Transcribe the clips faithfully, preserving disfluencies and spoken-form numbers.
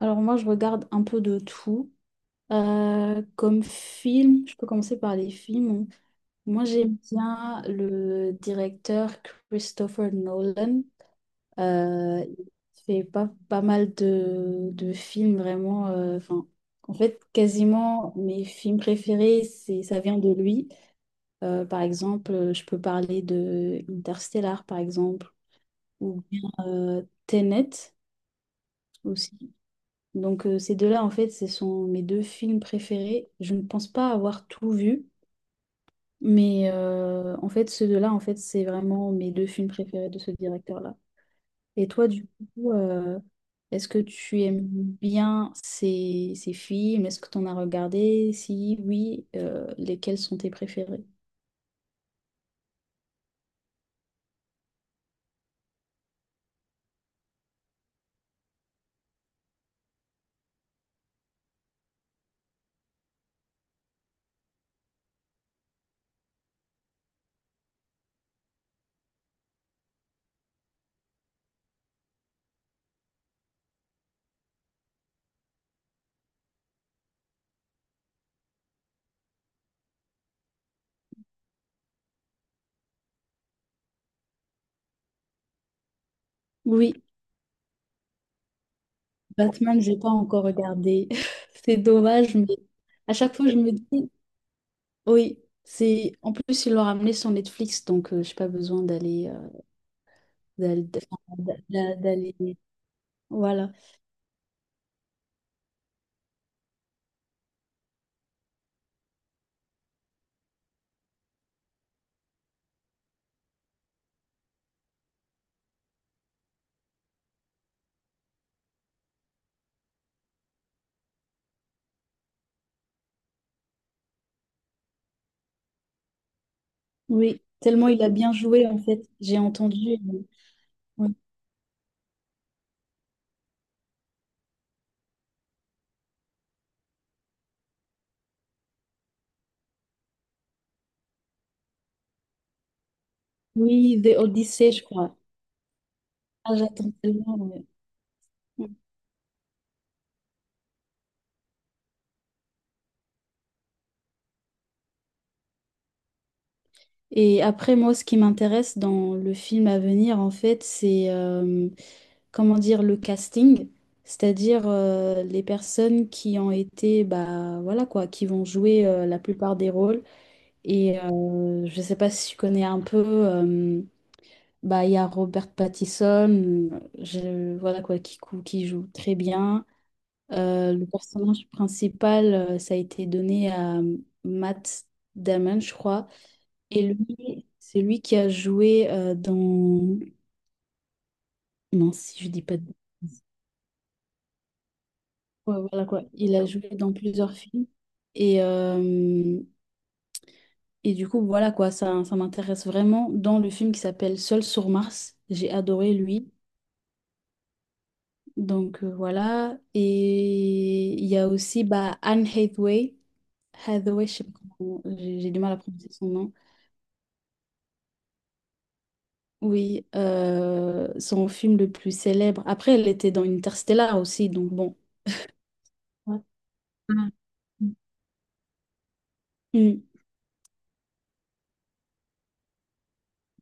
Alors moi, je regarde un peu de tout. Euh, comme film, je peux commencer par les films. Moi, j'aime bien le directeur Christopher Nolan. Euh, il fait pas, pas mal de, de films vraiment. euh, enfin, en fait, quasiment mes films préférés, c'est, ça vient de lui. Euh, par exemple, euh, je peux parler de Interstellar, par exemple, ou bien euh, Tenet aussi. Donc euh, ces deux-là, en fait, ce sont mes deux films préférés. Je ne pense pas avoir tout vu, mais euh, en fait, ceux deux-là, en fait, c'est vraiment mes deux films préférés de ce directeur-là. Et toi, du coup, euh, est-ce que tu aimes bien ces, ces films? Est-ce que tu en as regardé? Si oui, euh, lesquels sont tes préférés? Oui, Batman, j'ai pas encore regardé. C'est dommage, mais à chaque fois, je me dis, oui, c'est en plus, ils l'ont ramené sur Netflix, donc je j'ai pas besoin d'aller. d'al- d'a- d'a- D'aller. Voilà. Oui, tellement il a bien joué en fait. J'ai entendu. euh, Oui. Oui, The Odyssey, je crois. Ah, j'attends tellement. Ouais. Et après, moi, ce qui m'intéresse dans le film à venir, en fait, c'est euh, comment dire le casting, c'est-à-dire euh, les personnes qui ont été, bah voilà quoi, qui vont jouer euh, la plupart des rôles. Et euh, je sais pas si tu connais un peu. euh, Bah, il y a Robert Pattinson, euh, je, voilà quoi, qui, cou- qui joue très bien. Euh, le personnage principal, euh, ça a été donné à euh, Matt Damon, je crois. Et lui, c'est lui qui a joué euh, dans... Non, si je dis pas de... Ouais, voilà quoi. Il a joué dans plusieurs films. Et, euh, et du coup, voilà quoi, ça, ça m'intéresse vraiment. Dans le film qui s'appelle Seul sur Mars, j'ai adoré lui. Donc euh, voilà. Et il y a aussi bah, Anne Hathaway. Hathaway, je sais pas comment, j'ai j'ai du mal à prononcer son nom. Oui, euh, son film le plus célèbre. Après, elle était dans Interstellar aussi, donc bon. Ouais. Mm. Mm.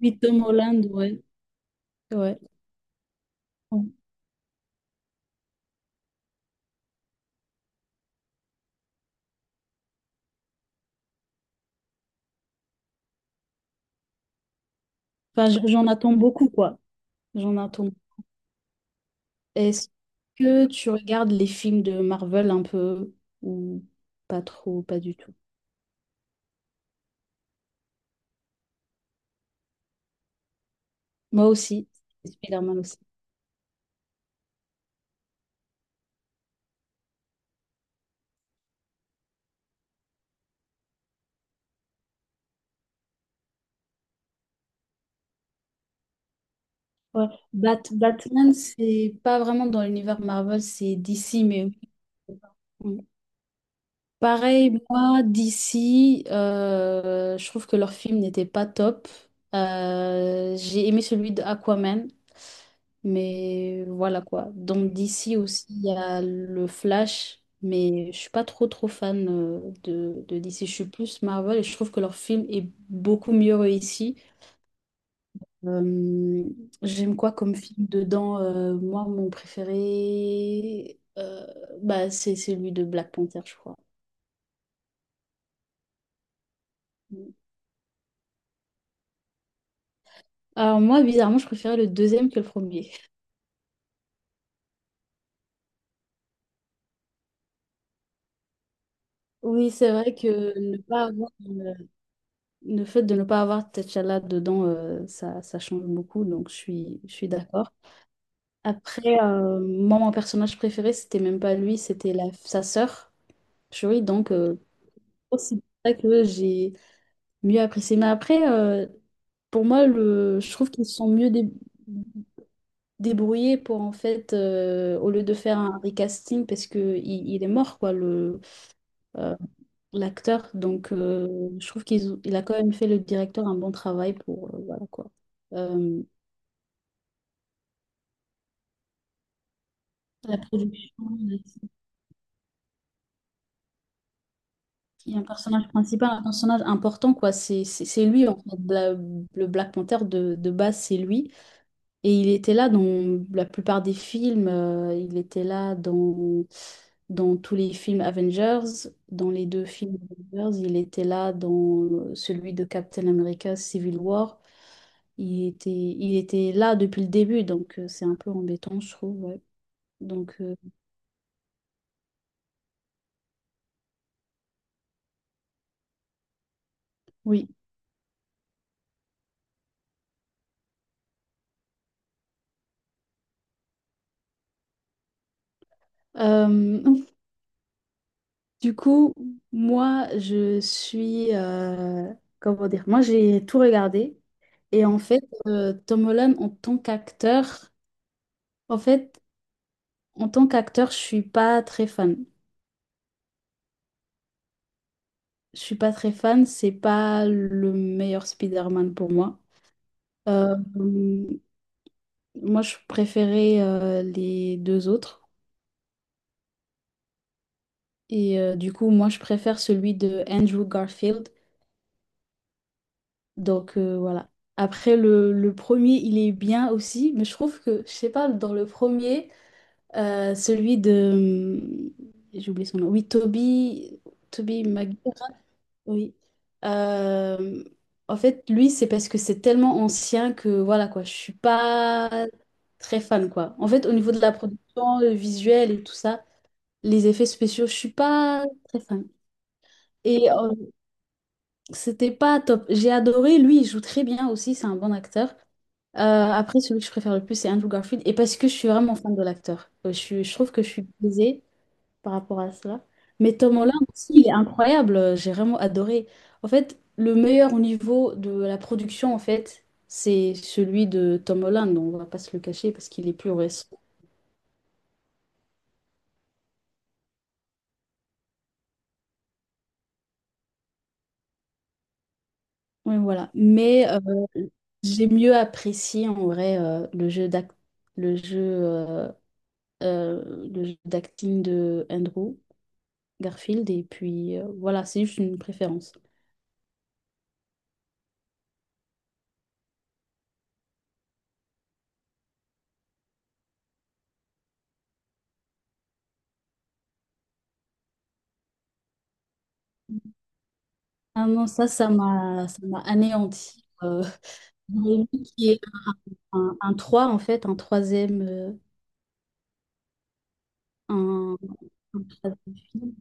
Oui, Tom Holland, ouais. Ouais. Enfin, j- j'en attends beaucoup, quoi. J'en attends. Est-ce que tu regardes les films de Marvel un peu ou pas trop, pas du tout? Moi aussi, Spider-Man aussi. Ouais. Bat- Batman, c'est pas vraiment dans l'univers Marvel, c'est D C, mais Mm. Pareil, moi, D C, euh, je trouve que leur film n'était pas top. Euh, j'ai aimé celui de Aquaman, mais voilà quoi. Donc D C aussi, il y a le Flash, mais je suis pas trop trop fan euh, de, de D C, je suis plus Marvel et je trouve que leur film est beaucoup mieux réussi. Euh, j'aime quoi comme film dedans? Euh, moi, mon préféré, euh, bah, c'est celui de Black Panther, je crois. Alors moi, bizarrement, je préférais le deuxième que le premier. Oui, c'est vrai que ne pas avoir, euh, le fait de ne pas avoir T'Challa dedans, euh, ça, ça change beaucoup, donc je suis, je suis d'accord. Après, euh, moi, mon personnage préféré, c'était même pas lui, c'était la, sa sœur, Shuri, donc euh, c'est pour ça que j'ai mieux apprécier. Mais après, euh, pour moi, le, je trouve qu'ils se sont mieux dé- débrouillés pour, en fait, euh, au lieu de faire un recasting, parce que il, il est mort, quoi, le, euh, l'acteur. Donc, euh, je trouve qu'il il a quand même fait le directeur un bon travail pour, euh, voilà, quoi. Euh, la production, il y a un personnage principal, un personnage important, quoi. C'est c'est- c'est lui, en fait. La- le Black Panther de, de base, c'est lui. Et il était là dans la plupart des films, euh, il était là dans, dans tous les films Avengers, dans les deux films Avengers, il était là dans euh, celui de Captain America Civil War. Il était, il était là depuis le début, donc euh, c'est un peu embêtant, je trouve. Ouais. Donc euh, oui. Euh, du coup, moi, je suis... euh, comment dire? Moi, j'ai tout regardé. Et en fait, euh, Tom Holland, en tant qu'acteur, en fait, en tant qu'acteur, je suis pas très fan. Je suis pas très fan, c'est pas le meilleur Spider-Man pour moi. Euh, moi, je préférais euh, les deux autres. Et euh, du coup, moi, je préfère celui de Andrew Garfield. Donc euh, voilà. Après, le, le premier, il est bien aussi, mais je trouve que, je sais pas, dans le premier, euh, celui de... J'ai oublié son nom. Oui, Toby, Toby Maguire. Oui. Euh, en fait, lui, c'est parce que c'est tellement ancien que voilà quoi, je suis pas très fan quoi. En fait, au niveau de la production, le visuel et tout ça, les effets spéciaux, je suis pas très fan. Et euh, C'était pas top. J'ai adoré, lui, il joue très bien aussi, c'est un bon acteur. Euh, après, celui que je préfère le plus, c'est Andrew Garfield. Et parce que je suis vraiment fan de l'acteur. Euh, Je suis- je trouve que je suis biaisée par rapport à cela. Mais Tom Holland aussi, il est incroyable. J'ai vraiment adoré. En fait, le meilleur au niveau de la production, en fait, c'est celui de Tom Holland. On va pas se le cacher parce qu'il est plus récent. Oui, voilà. Mais euh, j'ai mieux apprécié en vrai euh, le jeu d'ac- le jeu, euh, euh, le jeu d'acting de Andrew Garfield. Et puis euh, voilà, c'est juste une préférence. Ah non, ça, ça m'a ça m'a anéanti. euh, Jérémy qui un, un trois, en fait, un troisième, euh, un, un troisième film.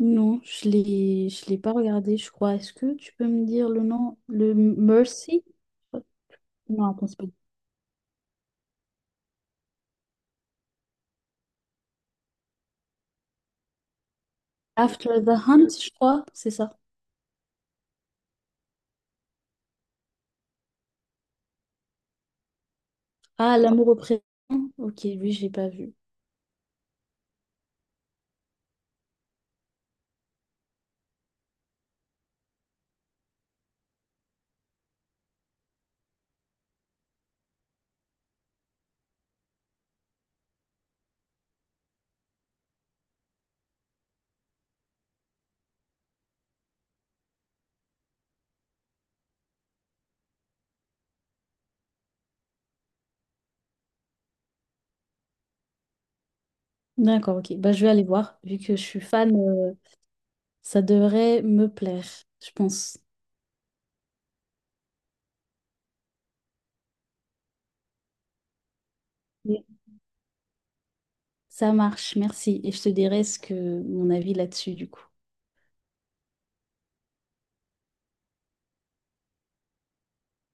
Non, je l'ai, je l'ai pas regardé, je crois. Est-ce que tu peux me dire le nom? Le Mercy? Non, attends, c'est pas. After the Hunt, je crois, c'est ça. Ah, L'amour au présent. Ok, lui, je l'ai pas vu. D'accord, ok. Bah, je vais aller voir. Vu que je suis fan, euh, ça devrait me plaire, je pense. Oui. Ça marche, merci. Et je te dirai ce que mon avis là-dessus, du coup.